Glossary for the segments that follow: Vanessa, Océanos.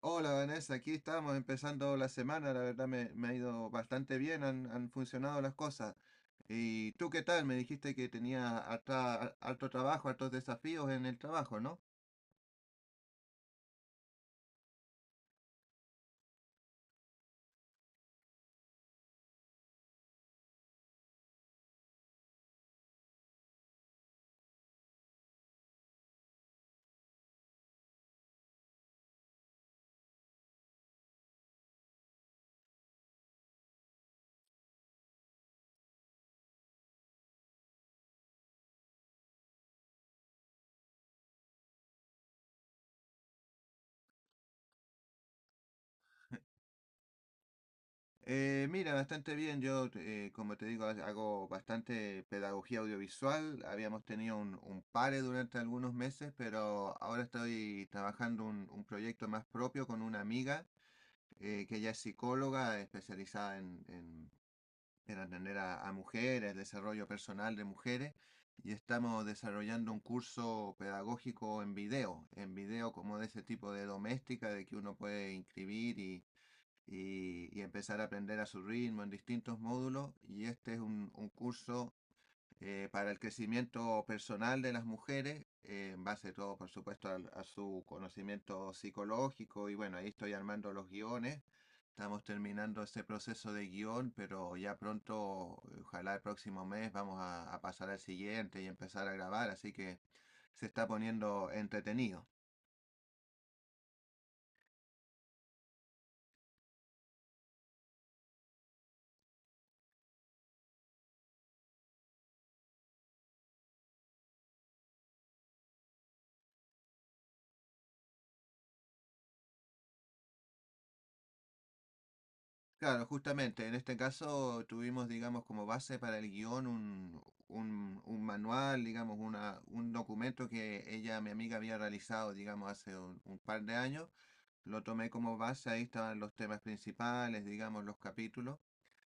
Hola Vanessa, aquí estamos empezando la semana, la verdad me ha ido bastante bien, han funcionado las cosas. ¿Y tú qué tal? Me dijiste que tenía harto trabajo, hartos desafíos en el trabajo, ¿no? Mira, bastante bien, yo como te digo, hago bastante pedagogía audiovisual, habíamos tenido un pare durante algunos meses, pero ahora estoy trabajando un proyecto más propio con una amiga que ella es psicóloga especializada en atender a mujeres, el desarrollo personal de mujeres, y estamos desarrollando un curso pedagógico en video como de ese tipo de doméstica, de que uno puede inscribir y empezar a aprender a su ritmo en distintos módulos, y este es un curso para el crecimiento personal de las mujeres, en base todo, por supuesto, a su conocimiento psicológico. Y bueno, ahí estoy armando los guiones. Estamos terminando este proceso de guión, pero ya pronto, ojalá el próximo mes, vamos a pasar al siguiente y empezar a grabar. Así que se está poniendo entretenido. Claro, justamente, en este caso tuvimos, digamos, como base para el guión un manual, digamos, un documento que ella, mi amiga, había realizado, digamos, hace un par de años. Lo tomé como base, ahí estaban los temas principales, digamos, los capítulos.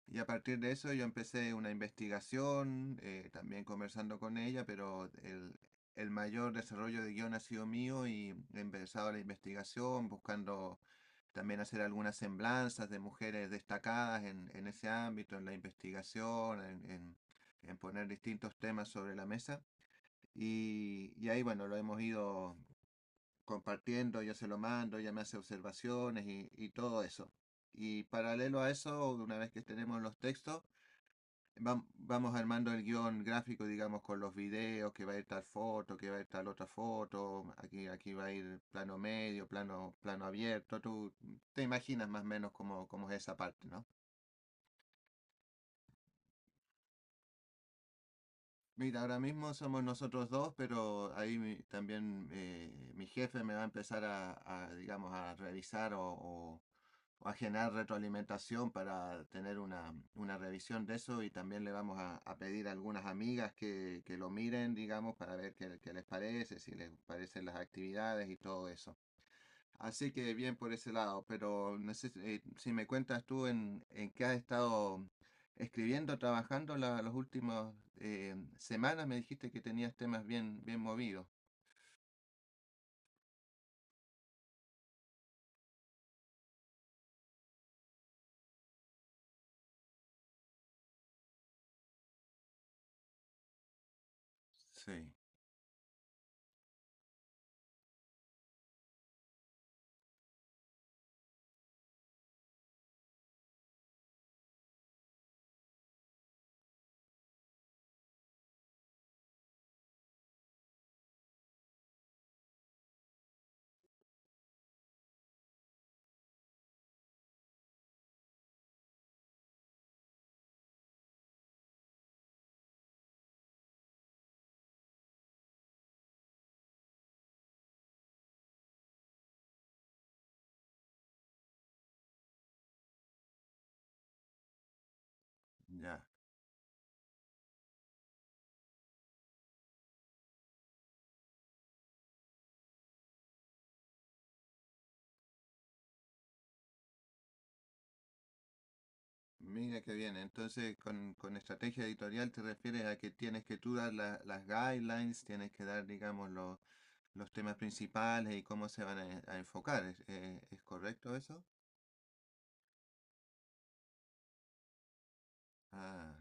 Y a partir de eso yo empecé una investigación, también conversando con ella, pero el mayor desarrollo de guión ha sido mío y he empezado la investigación buscando también hacer algunas semblanzas de mujeres destacadas en ese ámbito, en la investigación, en poner distintos temas sobre la mesa. Y ahí, bueno, lo hemos ido compartiendo, yo se lo mando, ella me hace observaciones y todo eso. Y paralelo a eso, una vez que tenemos los textos, vamos armando el guión gráfico, digamos, con los videos, que va a ir tal foto, que va a ir tal otra foto, aquí, aquí va a ir plano medio, plano, plano abierto. Tú te imaginas más o menos cómo, cómo es esa parte, ¿no? Mira, ahora mismo somos nosotros dos, pero ahí también mi jefe me va a empezar digamos, a revisar o a generar retroalimentación para tener una revisión de eso y también le vamos a pedir a algunas amigas que lo miren, digamos, para ver qué, qué les parece, si les parecen las actividades y todo eso. Así que bien por ese lado, pero no sé si si me cuentas tú en qué has estado escribiendo, trabajando las últimas semanas, me dijiste que tenías temas bien, bien movidos. Sí, ya. Mira qué bien, entonces con estrategia editorial te refieres a que tienes que tú dar las guidelines, tienes que dar, digamos, los temas principales y cómo se van a enfocar, es correcto eso? Ah.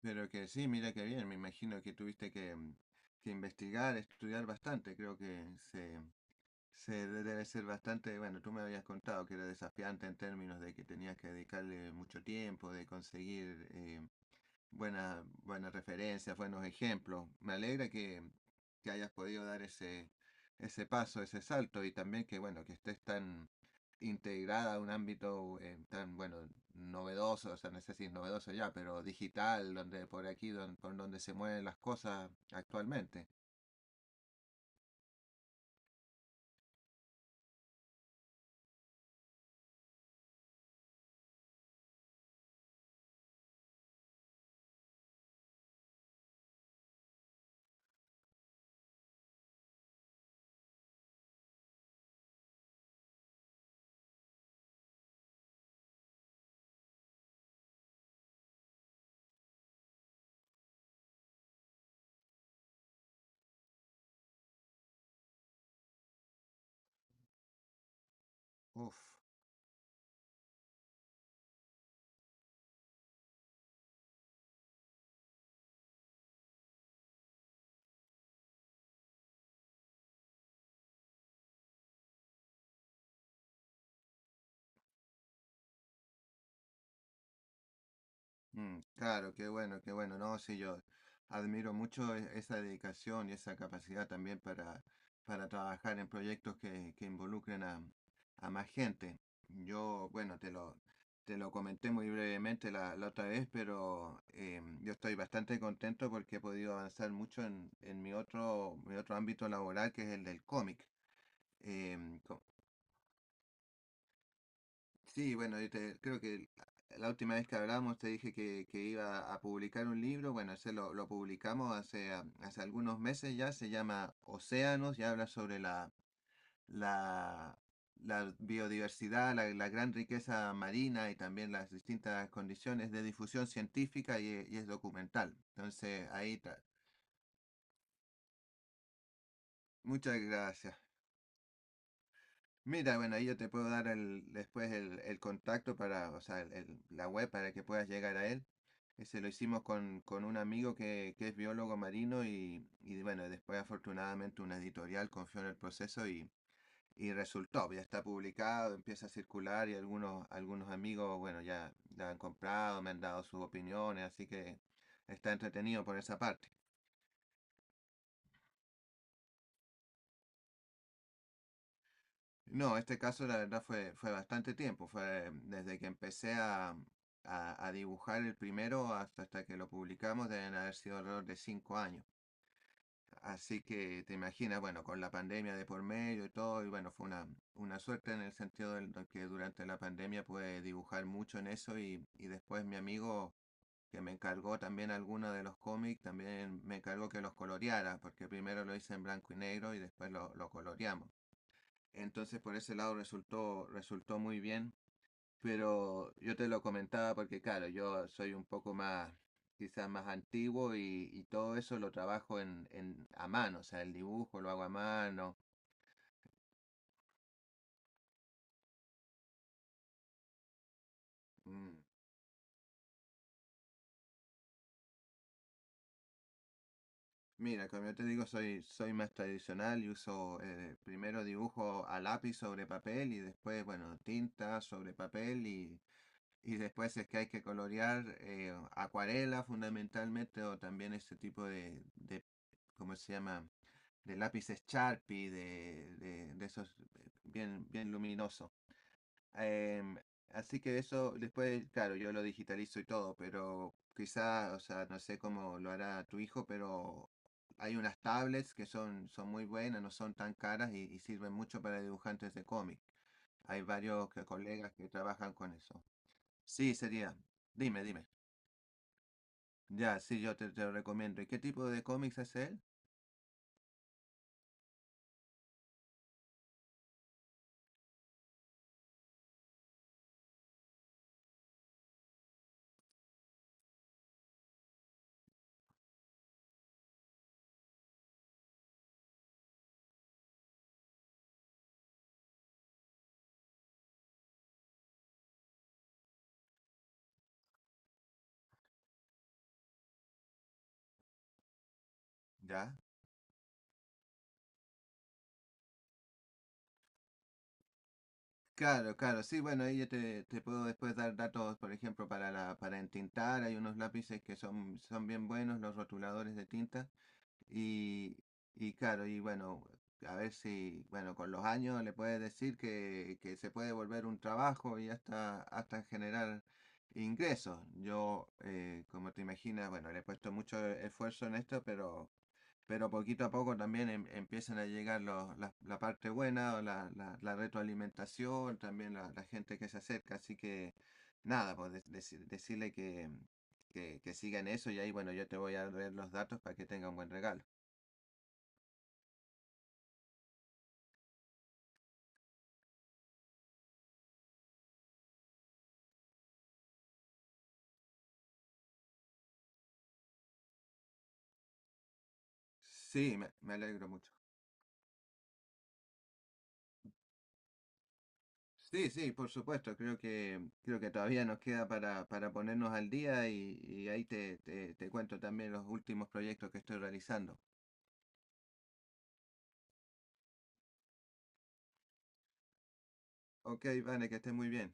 Pero que sí, mira que bien, me imagino que tuviste que, que investigar, estudiar bastante, creo que se, se debe ser bastante, bueno, tú me habías contado que era desafiante en términos de que tenías que dedicarle mucho tiempo, de conseguir buena, buenas referencias, buenos ejemplos. Me alegra que hayas podido dar ese paso, ese salto y también que, bueno, que estés tan integrada a un ámbito tan, bueno, novedoso, o sea, no sé si es novedoso ya, pero digital, donde por aquí, por donde se mueven las cosas actualmente. Uf. Mm, claro, qué bueno, qué bueno. No, sí, yo admiro mucho esa dedicación y esa capacidad también para trabajar en proyectos que involucren a más gente. Yo, bueno, te lo comenté muy brevemente la otra vez, pero yo estoy bastante contento porque he podido avanzar mucho en mi otro ámbito laboral, que es el del cómic. Sí, bueno, creo que la última vez que hablamos te dije que iba a publicar un libro. Bueno, ese lo publicamos hace, ah, hace algunos meses ya. Se llama Océanos y habla sobre la, la biodiversidad, la gran riqueza marina y también las distintas condiciones de difusión científica y es documental. Entonces, ahí está. Muchas gracias. Mira, bueno, ahí yo te puedo dar el, después el contacto para, o sea, la web para que puedas llegar a él. Ese lo hicimos con un amigo que es biólogo marino y bueno, después afortunadamente una editorial confió en el proceso y resultó, ya está publicado, empieza a circular y algunos, algunos amigos, bueno, ya la han comprado, me han dado sus opiniones, así que está entretenido por esa parte. No, este caso la verdad fue, fue bastante tiempo, fue desde que empecé a dibujar el primero hasta, hasta que lo publicamos, deben haber sido alrededor de cinco años. Así que te imaginas, bueno, con la pandemia de por medio y todo, y bueno, fue una suerte en el sentido de que durante la pandemia pude dibujar mucho en eso y después mi amigo que me encargó también alguno de los cómics, también me encargó que los coloreara, porque primero lo hice en blanco y negro y después lo coloreamos. Entonces por ese lado resultó, resultó muy bien. Pero yo te lo comentaba porque claro, yo soy un poco más, quizás más antiguo y todo eso lo trabajo a mano, o sea, el dibujo lo hago a mano. Mm. Mira, como yo te digo, soy, soy más tradicional y uso primero dibujo a lápiz sobre papel y después, bueno, tinta sobre papel y después es que hay que colorear acuarela fundamentalmente o también este tipo de ¿cómo se llama? De lápices Sharpie, de esos bien, bien luminosos. Em, Así que eso después, claro, yo lo digitalizo y todo, pero quizá, o sea, no sé cómo lo hará tu hijo, pero hay unas tablets que son, son muy buenas, no son tan caras y sirven mucho para dibujantes de cómic. Hay varios colegas que trabajan con eso. Sí, sería. Dime, dime. Ya, sí, te lo recomiendo. ¿Y qué tipo de cómics es él? Ya. Claro, claro, sí, bueno, ahí te puedo después dar datos, por ejemplo, para la, para entintar, hay unos lápices que son, son bien buenos, los rotuladores de tinta, y, y claro, y bueno, a ver si, bueno, con los años le puedes decir que se puede volver un trabajo y hasta, hasta generar ingresos. Yo, como te imaginas, bueno, le he puesto mucho esfuerzo en esto, pero poquito a poco también empiezan a llegar los, la parte buena, o la retroalimentación, también la gente que se acerca, así que nada, pues decirle que, que sigan eso y ahí bueno, yo te voy a ver los datos para que tenga un buen regalo. Sí, me alegro mucho. Sí, sí, por supuesto, creo que todavía nos queda para ponernos al día y ahí te cuento también los últimos proyectos que estoy realizando. Ok, Vane, que estés muy bien.